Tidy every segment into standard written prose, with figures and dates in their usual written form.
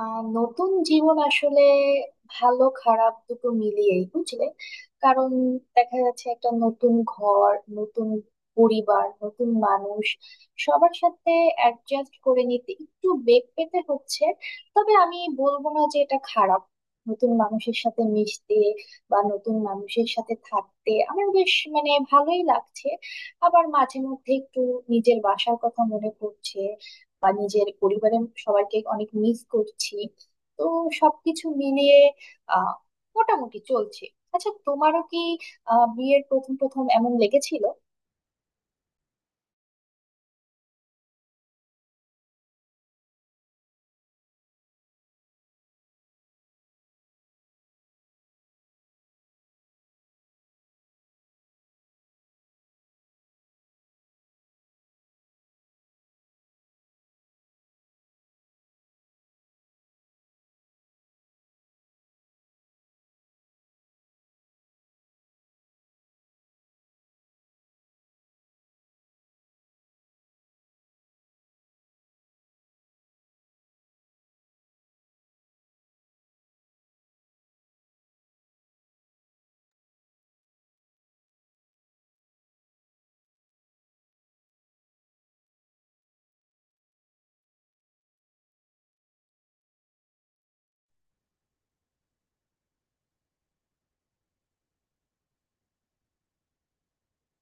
নতুন জীবন আসলে ভালো খারাপ দুটো মিলিয়েই বুঝলে। কারণ দেখা যাচ্ছে একটা নতুন ঘর, নতুন পরিবার, নতুন মানুষ, সবার সাথে অ্যাডজাস্ট করে নিতে একটু বেগ পেতে হচ্ছে। তবে আমি বলবো না যে এটা খারাপ। নতুন মানুষের সাথে মিশতে বা নতুন মানুষের সাথে থাকতে আমার বেশ, মানে ভালোই লাগছে। আবার মাঝে মধ্যে একটু নিজের বাসার কথা মনে পড়ছে বা নিজের পরিবারের সবাইকে অনেক মিস করছি। তো সবকিছু মিলিয়ে আহ মোটামুটি চলছে। আচ্ছা তোমারও কি বিয়ের প্রথম প্রথম এমন লেগেছিল?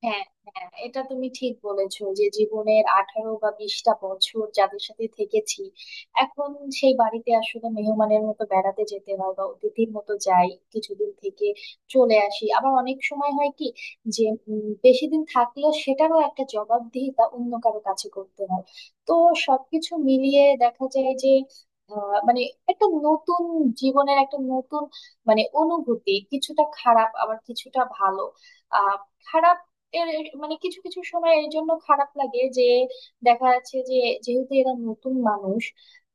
হ্যাঁ, হ্যাঁ, এটা তুমি ঠিক বলেছো যে জীবনের 18 বা 20টা বছর যাদের সাথে থেকেছি, এখন সেই বাড়িতে আসলে মেহমানের মতো বেড়াতে যেতে হয়, বা অতিথির মতো যাই, কিছুদিন থেকে চলে আসি। আবার অনেক সময় হয় কি যে বেশি দিন থাকলেও সেটারও একটা জবাবদিহিতা অন্য কারো কাছে করতে হয়। তো সবকিছু মিলিয়ে দেখা যায় যে আহ, মানে একটা নতুন জীবনের একটা নতুন, মানে অনুভূতি কিছুটা খারাপ আবার কিছুটা ভালো। আহ খারাপ এর মানে কিছু কিছু সময় এর জন্য খারাপ লাগে যে দেখা যাচ্ছে যে যেহেতু এরা নতুন মানুষ,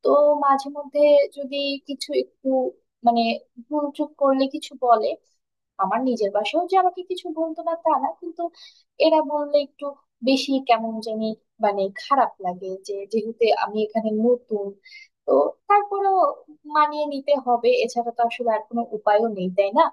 তো মাঝে মধ্যে যদি কিছু একটু মানে ভুল চুক করলে কিছু বলে। আমার নিজের বাসাও যে আমাকে কিছু বলতো না তা না, কিন্তু এরা বললে একটু বেশি কেমন জানি, মানে খারাপ লাগে যে যেহেতু আমি এখানে নতুন। তো তারপরেও মানিয়ে নিতে হবে, এছাড়া তো আসলে আর কোনো উপায়ও নেই তাই না।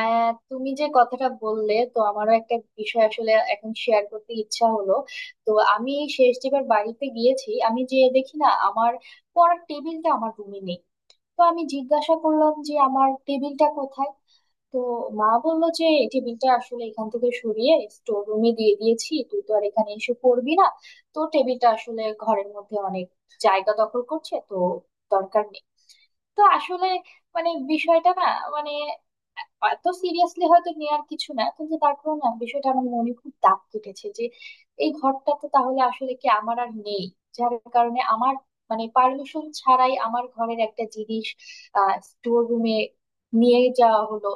তুমি যে কথাটা বললে তো আমারও একটা বিষয় আসলে এখন শেয়ার করতে ইচ্ছা হলো। তো আমি শেষ যেবার বাড়িতে গিয়েছি, আমি যে দেখি না আমার পড়ার টেবিলটা আমার রুমে নেই। তো আমি জিজ্ঞাসা করলাম যে আমার টেবিলটা কোথায়। তো মা বললো যে এই টেবিলটা আসলে এখান থেকে সরিয়ে স্টোর রুমে দিয়ে দিয়েছি, তুই তো আর এখানে এসে পড়বি না। তো টেবিলটা আসলে ঘরের মধ্যে অনেক জায়গা দখল করছে, তো দরকার নেই। তো আসলে, মানে বিষয়টা না, মানে এত সিরিয়াসলি হয়তো নেওয়ার কিছু না, কিন্তু তারপরে না বিষয়টা আমার মনে খুব দাগ কেটেছে যে এই ঘরটা তো তাহলে আসলে কি আমার আর নেই, যার কারণে আমার মানে পারমিশন ছাড়াই আমার ঘরের একটা জিনিস স্টোর রুমে নিয়ে যাওয়া হলো।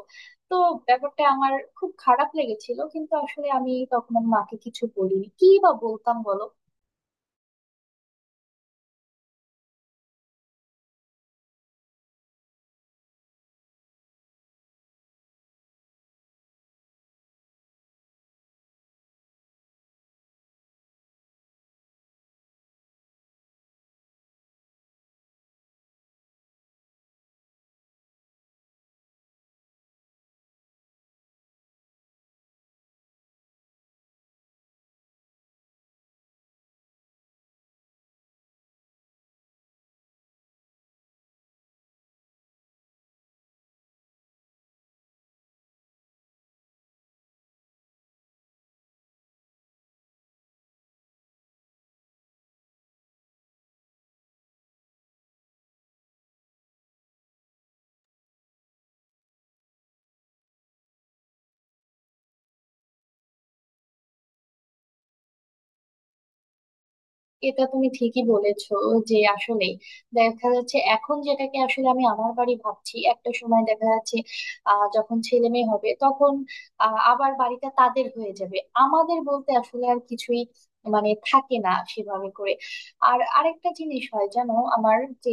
তো ব্যাপারটা আমার খুব খারাপ লেগেছিল, কিন্তু আসলে আমি তখন আমার মাকে কিছু বলিনি, কি বা বলতাম বলো। এটা তুমি ঠিকই বলেছো যে আসলে দেখা যাচ্ছে এখন যেটাকে আসলে আমি আমার বাড়ি ভাবছি, একটা সময় দেখা যাচ্ছে যখন ছেলে মেয়ে হবে তখন আবার বাড়িটা তাদের হয়ে যাবে। আমাদের বলতে আসলে আর কিছুই, মানে থাকে না সেভাবে করে। আর আরেকটা জিনিস হয় জানো আমার, যে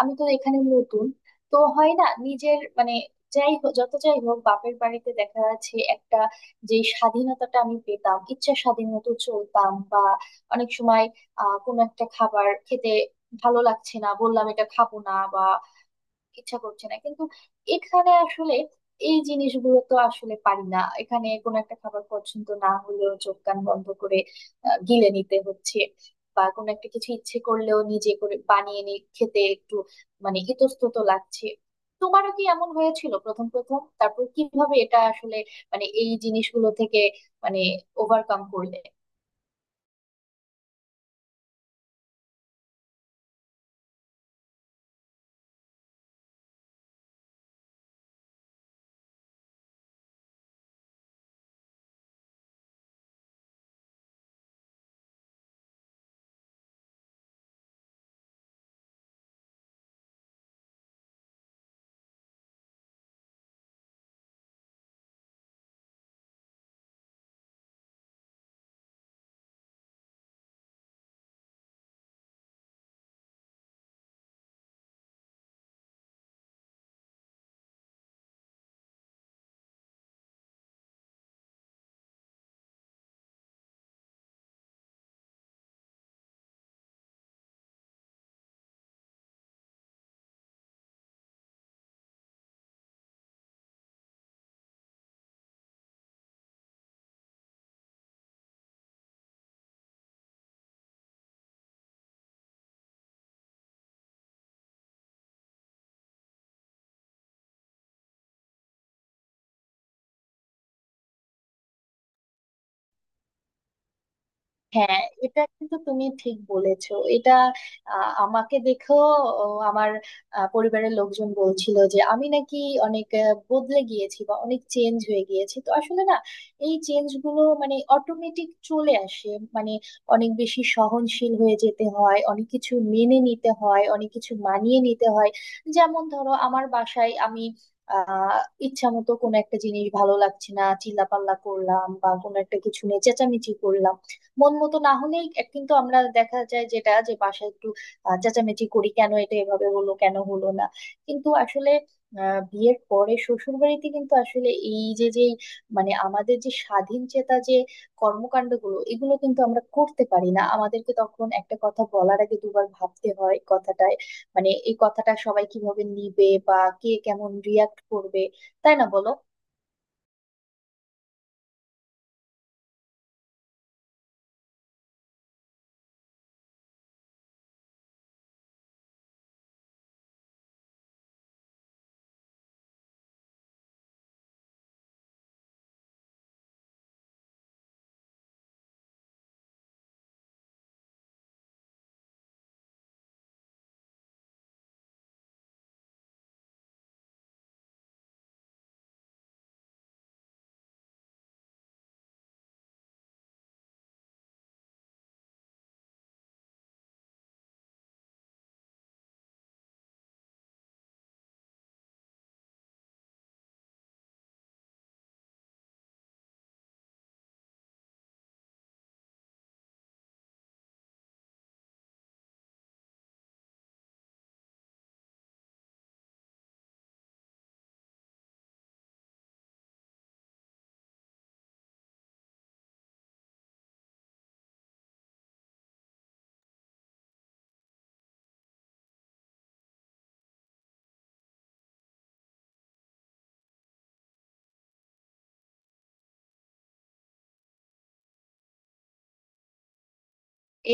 আমি তো এখানে নতুন, তো হয় না নিজের মানে, যাই হোক যত যাই হোক, বাপের বাড়িতে দেখা যাচ্ছে একটা, যে স্বাধীনতাটা আমি পেতাম, ইচ্ছা স্বাধীন মতো চলতাম, বা অনেক সময় কোনো একটা খাবার খেতে ভালো লাগছে না বললাম এটা খাবো না, বা ইচ্ছা করছে না, কিন্তু এখানে আসলে এই জিনিসগুলো তো আসলে পারি না। এখানে কোনো একটা খাবার পছন্দ না হলেও চোখ কান বন্ধ করে গিলে নিতে হচ্ছে। বা কোনো একটা কিছু ইচ্ছে করলেও নিজে করে বানিয়ে নিয়ে খেতে একটু, মানে ইতস্তত লাগছে। তোমারও কি এমন হয়েছিল প্রথম প্রথম? তারপর কিভাবে এটা আসলে, মানে এই জিনিসগুলো থেকে, মানে ওভারকাম করলে? হ্যাঁ, এটা কিন্তু তুমি ঠিক বলেছো। এটা আমাকে দেখেও, ও, আমার পরিবারের লোকজন বলছিল যে আমি নাকি অনেক বদলে গিয়েছি বা অনেক চেঞ্জ হয়ে গিয়েছি। তো আসলে না, এই চেঞ্জ গুলো মানে অটোমেটিক চলে আসে। মানে অনেক বেশি সহনশীল হয়ে যেতে হয়, অনেক কিছু মেনে নিতে হয়, অনেক কিছু মানিয়ে নিতে হয়। যেমন ধরো, আমার বাসায় আমি আহ ইচ্ছা মতো কোনো একটা জিনিস ভালো লাগছে না চিল্লাপাল্লা করলাম, বা কোনো একটা কিছু নিয়ে চেঁচামেচি করলাম, মন মতো না হলেই এক- কিন্তু আমরা দেখা যায় যেটা যে বাসায় একটু চেঁচামেচি করি, কেন এটা এভাবে হলো, কেন হলো না। কিন্তু আসলে বিয়ের পরে শ্বশুর বাড়িতে কিন্তু আসলে এই যে যে মানে আমাদের যে স্বাধীন চেতা যে কর্মকাণ্ডগুলো, এগুলো কিন্তু আমরা করতে পারি না। আমাদেরকে তখন একটা কথা বলার আগে দুবার ভাবতে হয় কথাটায়, মানে এই কথাটা সবাই কিভাবে নিবে বা কে কেমন রিয়াক্ট করবে, তাই না বলো।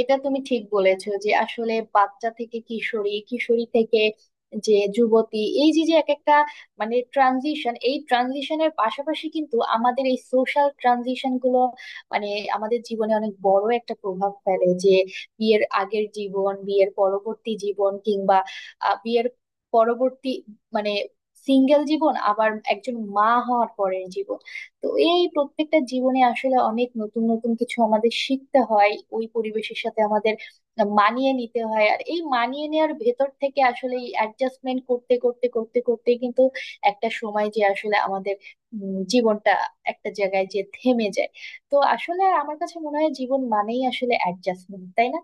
এটা তুমি ঠিক বলেছো যে আসলে বাচ্চা থেকে কিশোরী, কিশোরী থেকে যে যুবতী, এই যে যে এক একটা মানে ট্রানজিশন, এই ট্রানজিশনের পাশাপাশি কিন্তু আমাদের এই সোশ্যাল ট্রানজিশন গুলো, মানে আমাদের জীবনে অনেক বড় একটা প্রভাব ফেলে। যে বিয়ের আগের জীবন, বিয়ের পরবর্তী জীবন, কিংবা বিয়ের পরবর্তী মানে সিঙ্গেল জীবন, আবার একজন মা হওয়ার পরের জীবন। তো এই প্রত্যেকটা জীবনে আসলে অনেক নতুন নতুন কিছু আমাদের শিখতে হয়, ওই পরিবেশের সাথে আমাদের মানিয়ে নিতে হয়। আর এই মানিয়ে নেওয়ার ভেতর থেকে আসলে এই অ্যাডজাস্টমেন্ট করতে করতে করতে করতে কিন্তু একটা সময় যে আসলে আমাদের জীবনটা একটা জায়গায় যে থেমে যায়। তো আসলে আমার কাছে মনে হয় জীবন মানেই আসলে অ্যাডজাস্টমেন্ট, তাই না।